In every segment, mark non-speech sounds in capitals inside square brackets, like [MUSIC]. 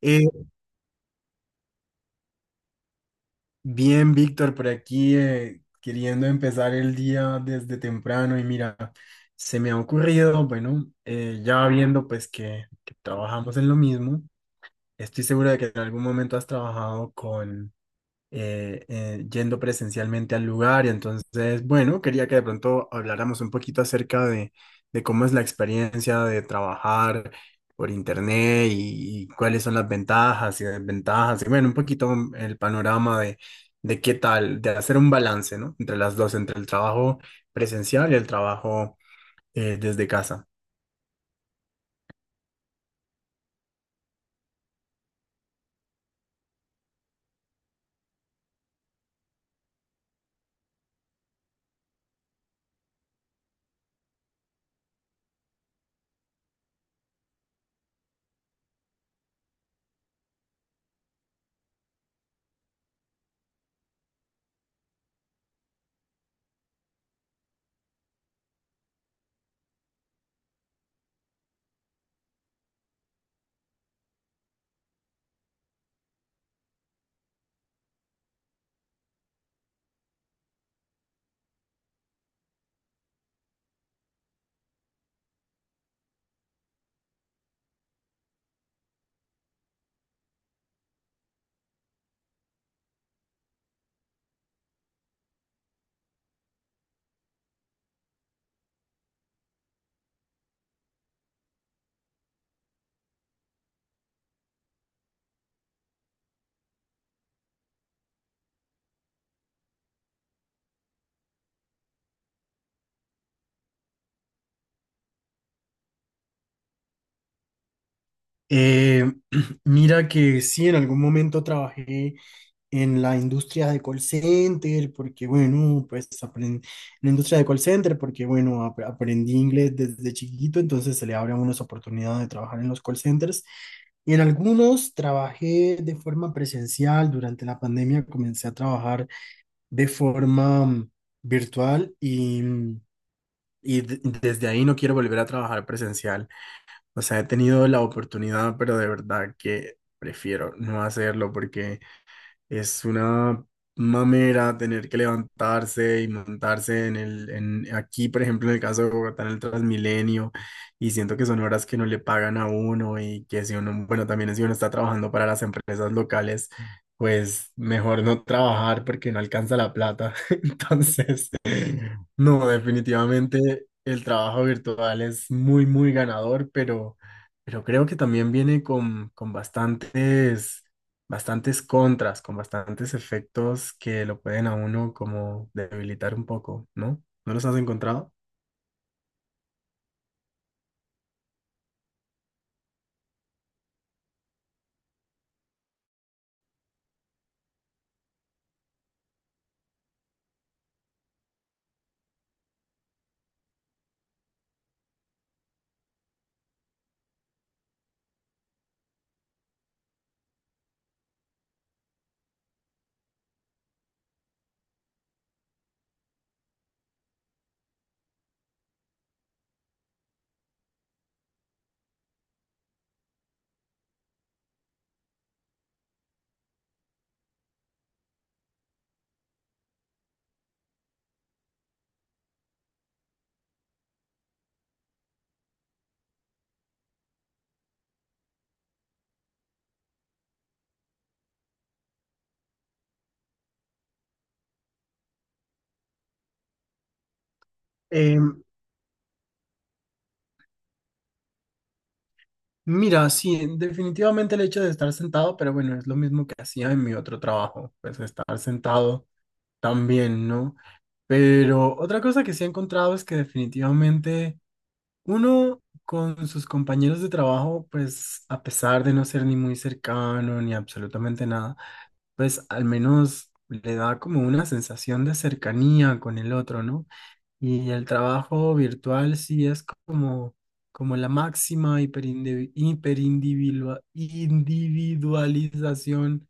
Eh, Bien, Víctor, por aquí queriendo empezar el día desde temprano y mira, se me ha ocurrido, bueno, ya viendo pues que trabajamos en lo mismo, estoy seguro de que en algún momento has trabajado con, yendo presencialmente al lugar. Y entonces, bueno, quería que de pronto habláramos un poquito acerca de cómo es la experiencia de trabajar por internet y cuáles son las ventajas y desventajas. Y bueno, un poquito el panorama de qué tal, de hacer un balance, ¿no? Entre las dos, entre el trabajo presencial y el trabajo desde casa. Eh, [CLEARS THROAT] Mira que sí, en algún momento trabajé en la industria de call center, porque bueno, pues aprendí en la industria de call center, porque bueno, aprendí inglés desde chiquito, entonces se le abren unas oportunidades de trabajar en los call centers. Y en algunos trabajé de forma presencial. Durante la pandemia comencé a trabajar de forma virtual y y desde ahí no quiero volver a trabajar presencial. O sea, he tenido la oportunidad, pero de verdad que prefiero no hacerlo porque es una mamera tener que levantarse y montarse en aquí, por ejemplo, en el caso de Bogotá, en el Transmilenio, y siento que son horas que no le pagan a uno y que si uno, bueno, también si uno está trabajando para las empresas locales, pues mejor no trabajar porque no alcanza la plata. [LAUGHS] Entonces, no, definitivamente el trabajo virtual es muy ganador, pero creo que también viene con bastantes bastantes contras, con bastantes efectos que lo pueden a uno como debilitar un poco, ¿no? ¿No los has encontrado? Eh, Mira, sí, definitivamente el hecho de estar sentado, pero bueno, es lo mismo que hacía en mi otro trabajo, pues estar sentado también, ¿no? Pero otra cosa que sí he encontrado es que definitivamente uno con sus compañeros de trabajo, pues a pesar de no ser ni muy cercano ni absolutamente nada, pues al menos le da como una sensación de cercanía con el otro, ¿no? Y el trabajo virtual sí es como, como la máxima individualización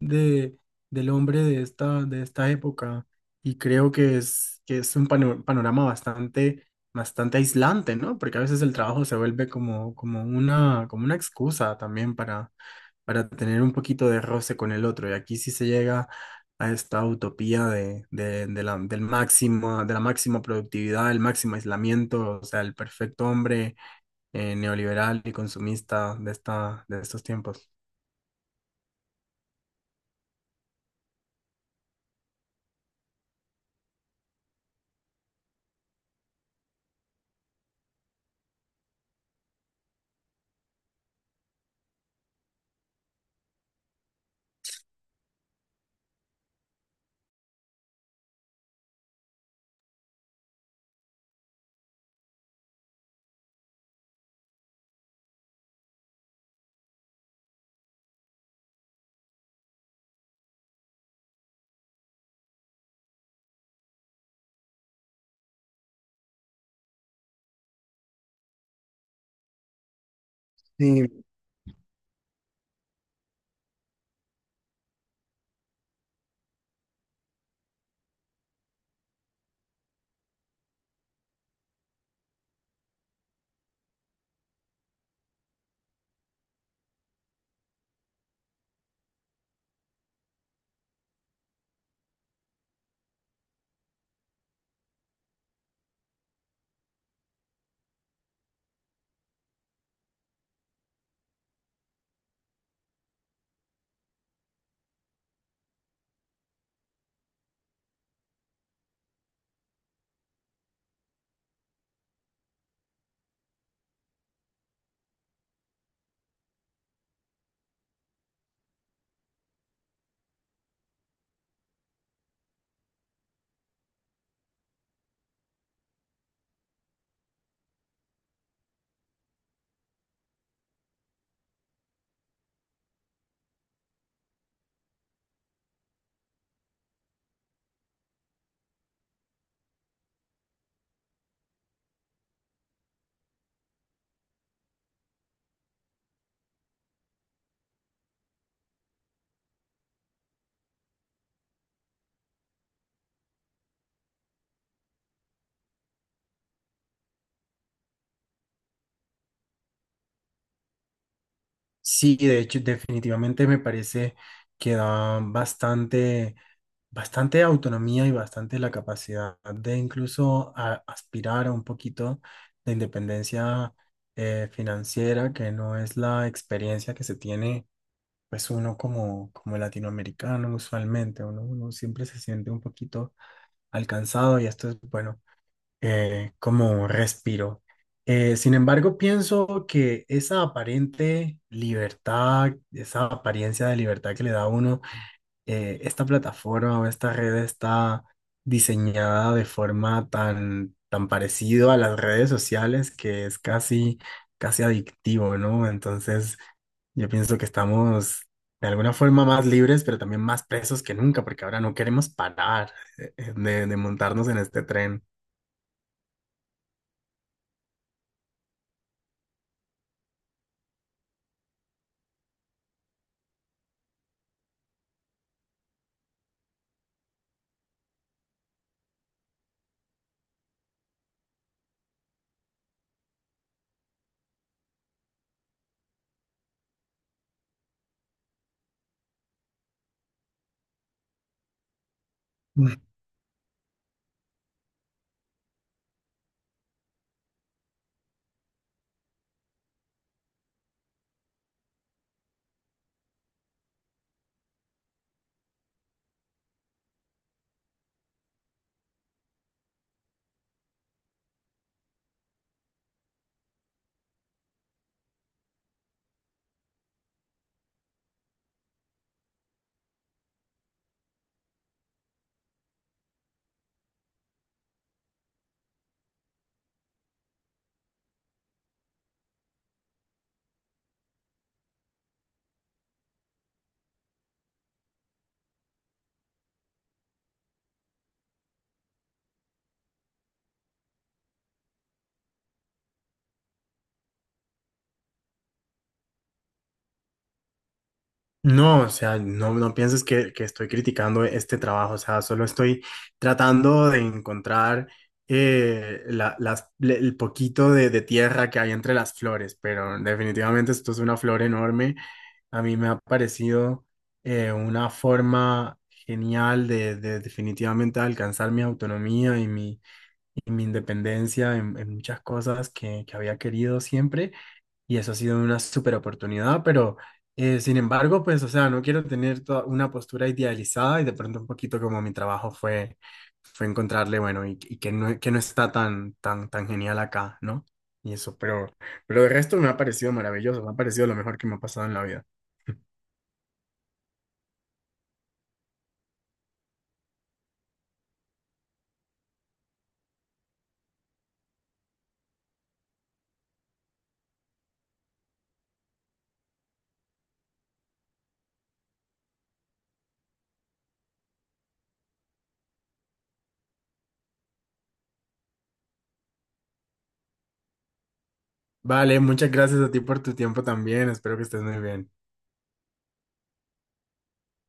de, del hombre de esta época. Y creo que que es un panorama bastante, bastante aislante, ¿no? Porque a veces el trabajo se vuelve como, como una excusa también para tener un poquito de roce con el otro. Y aquí sí se llega a esta utopía de, del máximo, de la máxima productividad, el máximo aislamiento, o sea, el perfecto hombre neoliberal y consumista de esta, de estos tiempos. Sí, sí, de hecho, definitivamente me parece que da bastante, bastante autonomía y bastante la capacidad de incluso aspirar a un poquito de independencia financiera, que no es la experiencia que se tiene, pues uno como, como latinoamericano usualmente, uno siempre se siente un poquito alcanzado y esto es, bueno, como un respiro. Sin embargo, pienso que esa aparente libertad, esa apariencia de libertad que le da a uno, esta plataforma o esta red está diseñada de forma tan parecido a las redes sociales que es casi, casi adictivo, ¿no? Entonces, yo pienso que estamos de alguna forma más libres, pero también más presos que nunca, porque ahora no queremos parar de montarnos en este tren. No, o sea, no pienses que estoy criticando este trabajo, o sea, solo estoy tratando de encontrar el poquito de tierra que hay entre las flores, pero definitivamente esto es una flor enorme. A mí me ha parecido una forma genial de definitivamente alcanzar mi autonomía y mi independencia en muchas cosas que había querido siempre y eso ha sido una súper oportunidad, pero sin embargo, pues, o sea, no quiero tener toda una postura idealizada y de pronto un poquito como mi trabajo fue encontrarle, bueno, y que no está tan, tan, tan genial acá, ¿no? Y eso, pero el resto me ha parecido maravilloso, me ha parecido lo mejor que me ha pasado en la vida. [LAUGHS] Vale, muchas gracias a ti por tu tiempo también, espero que estés muy bien.